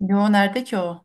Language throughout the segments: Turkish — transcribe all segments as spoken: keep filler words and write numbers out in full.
Yo, nerede ki o?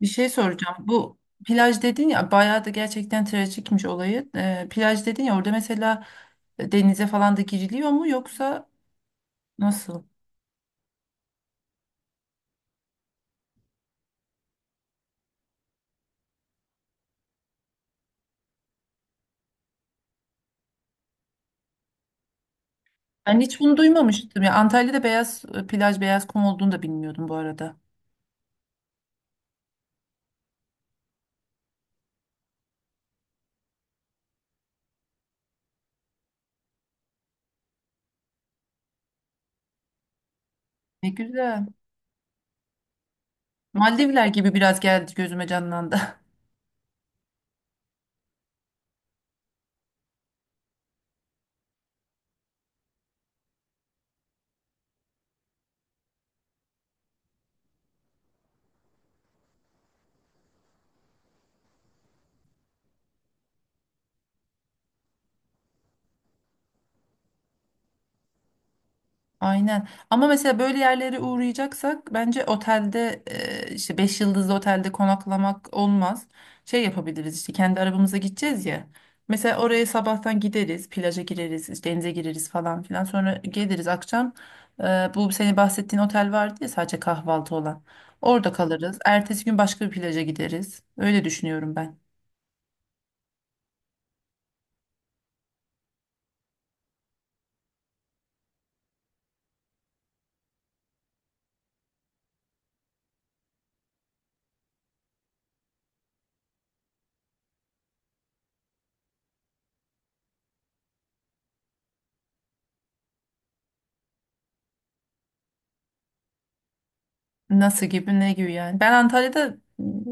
Bir şey soracağım. Bu plaj dedin ya, bayağı da gerçekten trajikmiş olayı. Ee, plaj dedin ya, orada mesela e, denize falan da giriliyor mu, yoksa nasıl? Ben hiç bunu duymamıştım. Ya Antalya'da beyaz e, plaj, beyaz kum olduğunu da bilmiyordum bu arada. Ne güzel. Maldivler gibi biraz geldi, gözüme canlandı. Aynen. Ama mesela böyle yerlere uğrayacaksak bence otelde e, işte beş yıldızlı otelde konaklamak olmaz. Şey yapabiliriz işte, kendi arabamıza gideceğiz ya. Mesela oraya sabahtan gideriz, plaja gireriz, işte denize gireriz falan filan. Sonra geliriz akşam. e, bu senin bahsettiğin otel vardı ya, sadece kahvaltı olan. Orada kalırız. Ertesi gün başka bir plaja gideriz. Öyle düşünüyorum ben. Nasıl gibi, ne gibi yani. Ben Antalya'da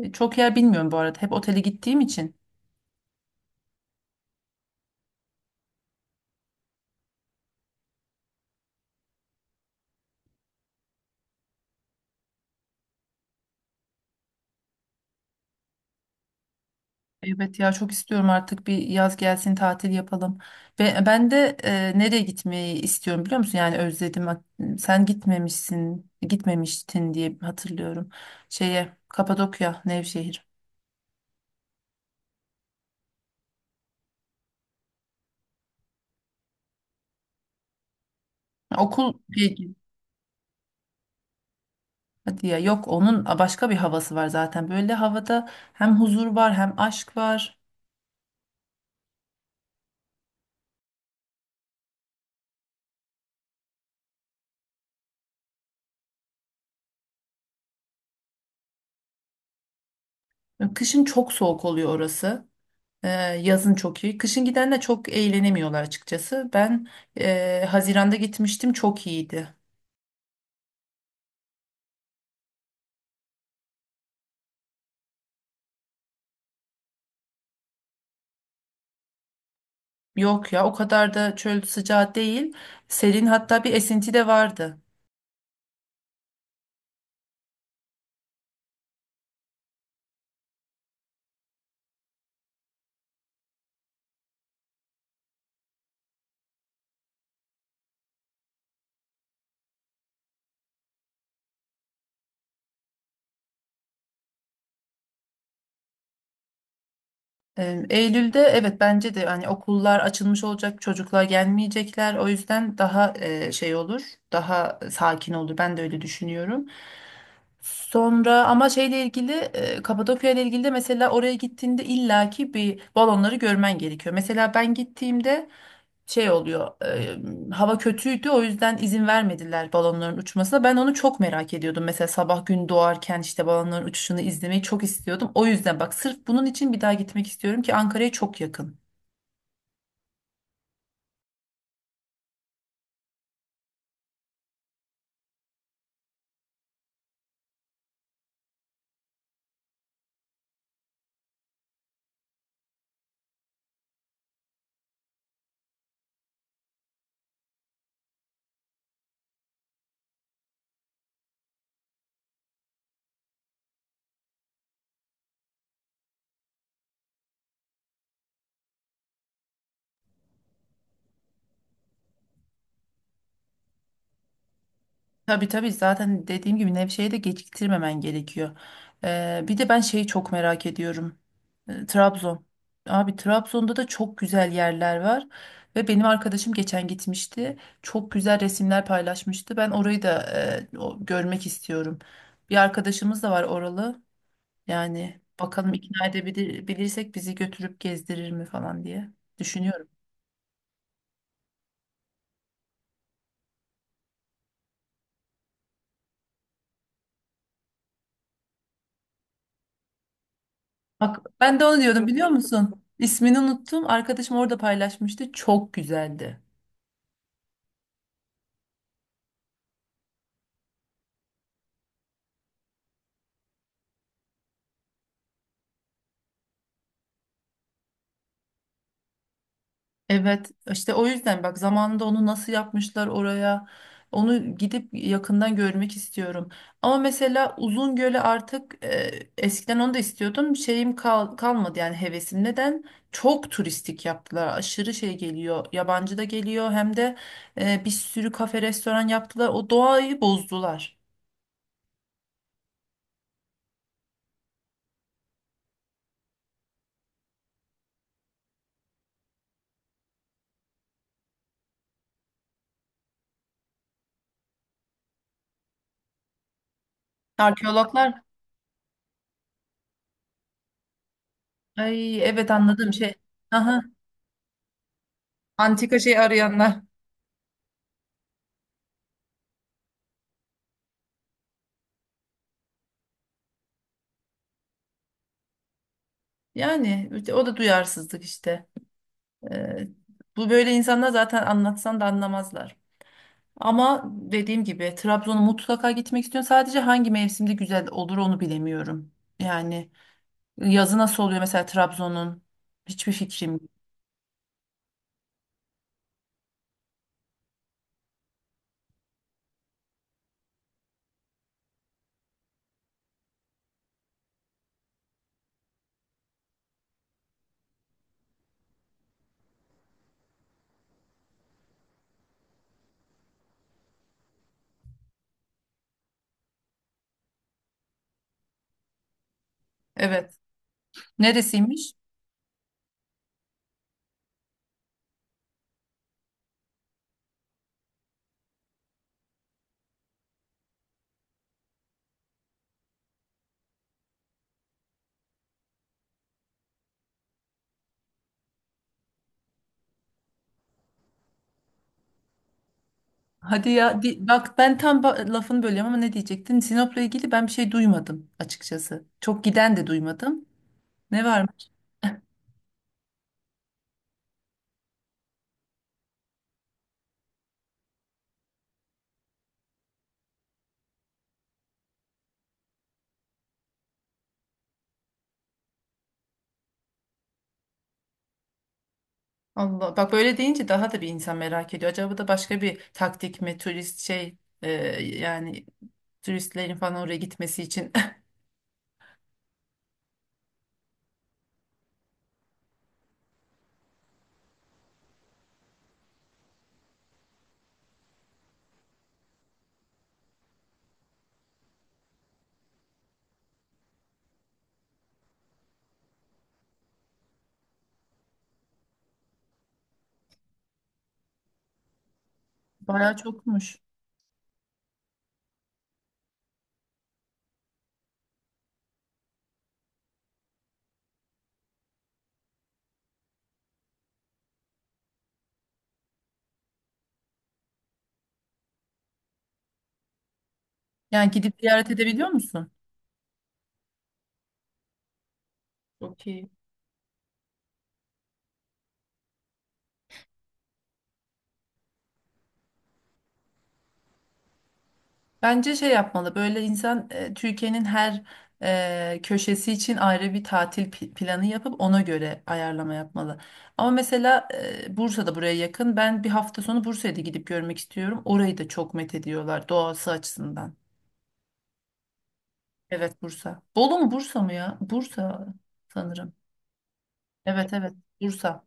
e, çok yer bilmiyorum bu arada. Hep otele gittiğim için. Evet ya, çok istiyorum artık bir yaz gelsin, tatil yapalım. Ve ben de e, nereye gitmeyi istiyorum biliyor musun? Yani özledim. Hat- Sen gitmemişsin, gitmemiştin diye hatırlıyorum. Şeye Kapadokya, Nevşehir. Okul peki. Hadi ya, yok onun başka bir havası var zaten. Böyle havada hem huzur var hem aşk var. Kışın çok soğuk oluyor orası. E, yazın çok iyi. Kışın gidenler çok eğlenemiyorlar açıkçası. Ben e, Haziran'da gitmiştim, çok iyiydi. Yok ya, o kadar da çöl sıcağı değil. Serin, hatta bir esinti de vardı. Ee, Eylül'de evet, bence de hani okullar açılmış olacak, çocuklar gelmeyecekler. O yüzden daha e, şey olur, daha sakin olur. Ben de öyle düşünüyorum. Sonra ama şeyle ilgili, e, Kapadokya ile ilgili de mesela, oraya gittiğinde illaki bir balonları görmen gerekiyor. Mesela ben gittiğimde şey oluyor, e, hava kötüydü, o yüzden izin vermediler balonların uçmasına. Ben onu çok merak ediyordum. Mesela sabah gün doğarken işte balonların uçuşunu izlemeyi çok istiyordum. O yüzden bak, sırf bunun için bir daha gitmek istiyorum ki Ankara'ya çok yakın. Tabii tabii, zaten dediğim gibi Nevşehir'e de geciktirmemen gerekiyor. Ee, bir de ben şeyi çok merak ediyorum. E, Trabzon. Abi, Trabzon'da da çok güzel yerler var ve benim arkadaşım geçen gitmişti. Çok güzel resimler paylaşmıştı. Ben orayı da e, o- görmek istiyorum. Bir arkadaşımız da var oralı. Yani bakalım, ikna edebilirsek bizi götürüp gezdirir mi falan diye düşünüyorum. Bak ben de onu diyordum, biliyor musun? İsmini unuttum. Arkadaşım orada paylaşmıştı. Çok güzeldi. Evet işte, o yüzden bak, zamanında onu nasıl yapmışlar oraya, onu gidip yakından görmek istiyorum. Ama mesela Uzungöl'e artık, e, eskiden onu da istiyordum, şeyim kal- kalmadı yani, hevesim. Neden? Çok turistik yaptılar, aşırı şey geliyor, yabancı da geliyor hem de, e, bir sürü kafe restoran yaptılar, o doğayı bozdular. Arkeologlar. Ay, evet, anladım şey. Aha, antika şey arayanlar. Yani işte, o da duyarsızlık işte. Ee, bu böyle insanlar zaten, anlatsan da anlamazlar. Ama dediğim gibi Trabzon'a mutlaka gitmek istiyorum. Sadece hangi mevsimde güzel olur onu bilemiyorum. Yani yazı nasıl oluyor mesela Trabzon'un? Hiçbir fikrim yok. Evet. Neresiymiş? Hadi ya, di- bak ben tam ba- lafını bölüyorum ama ne diyecektin? Sinop'la ilgili ben bir şey duymadım açıkçası. Çok giden de duymadım. Ne var? Allah, bak böyle deyince daha da bir insan merak ediyor. Acaba da başka bir taktik mi, turist şey e, yani, turistlerin falan oraya gitmesi için bayağı çokmuş. Yani gidip ziyaret edebiliyor musun? Çok iyi. Bence şey yapmalı böyle insan, e, Türkiye'nin her e, köşesi için ayrı bir tatil pi- planı yapıp ona göre ayarlama yapmalı. Ama mesela e, Bursa'da buraya yakın, ben bir hafta sonu Bursa'ya da gidip görmek istiyorum. Orayı da çok methediyorlar doğası açısından. Evet, Bursa. Bolu mu Bursa mı ya? Bursa sanırım. Evet evet, Bursa.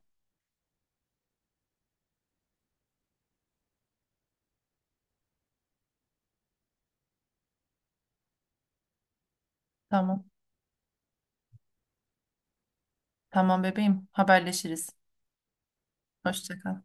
Tamam. Tamam bebeğim. Haberleşiriz. Hoşça kal.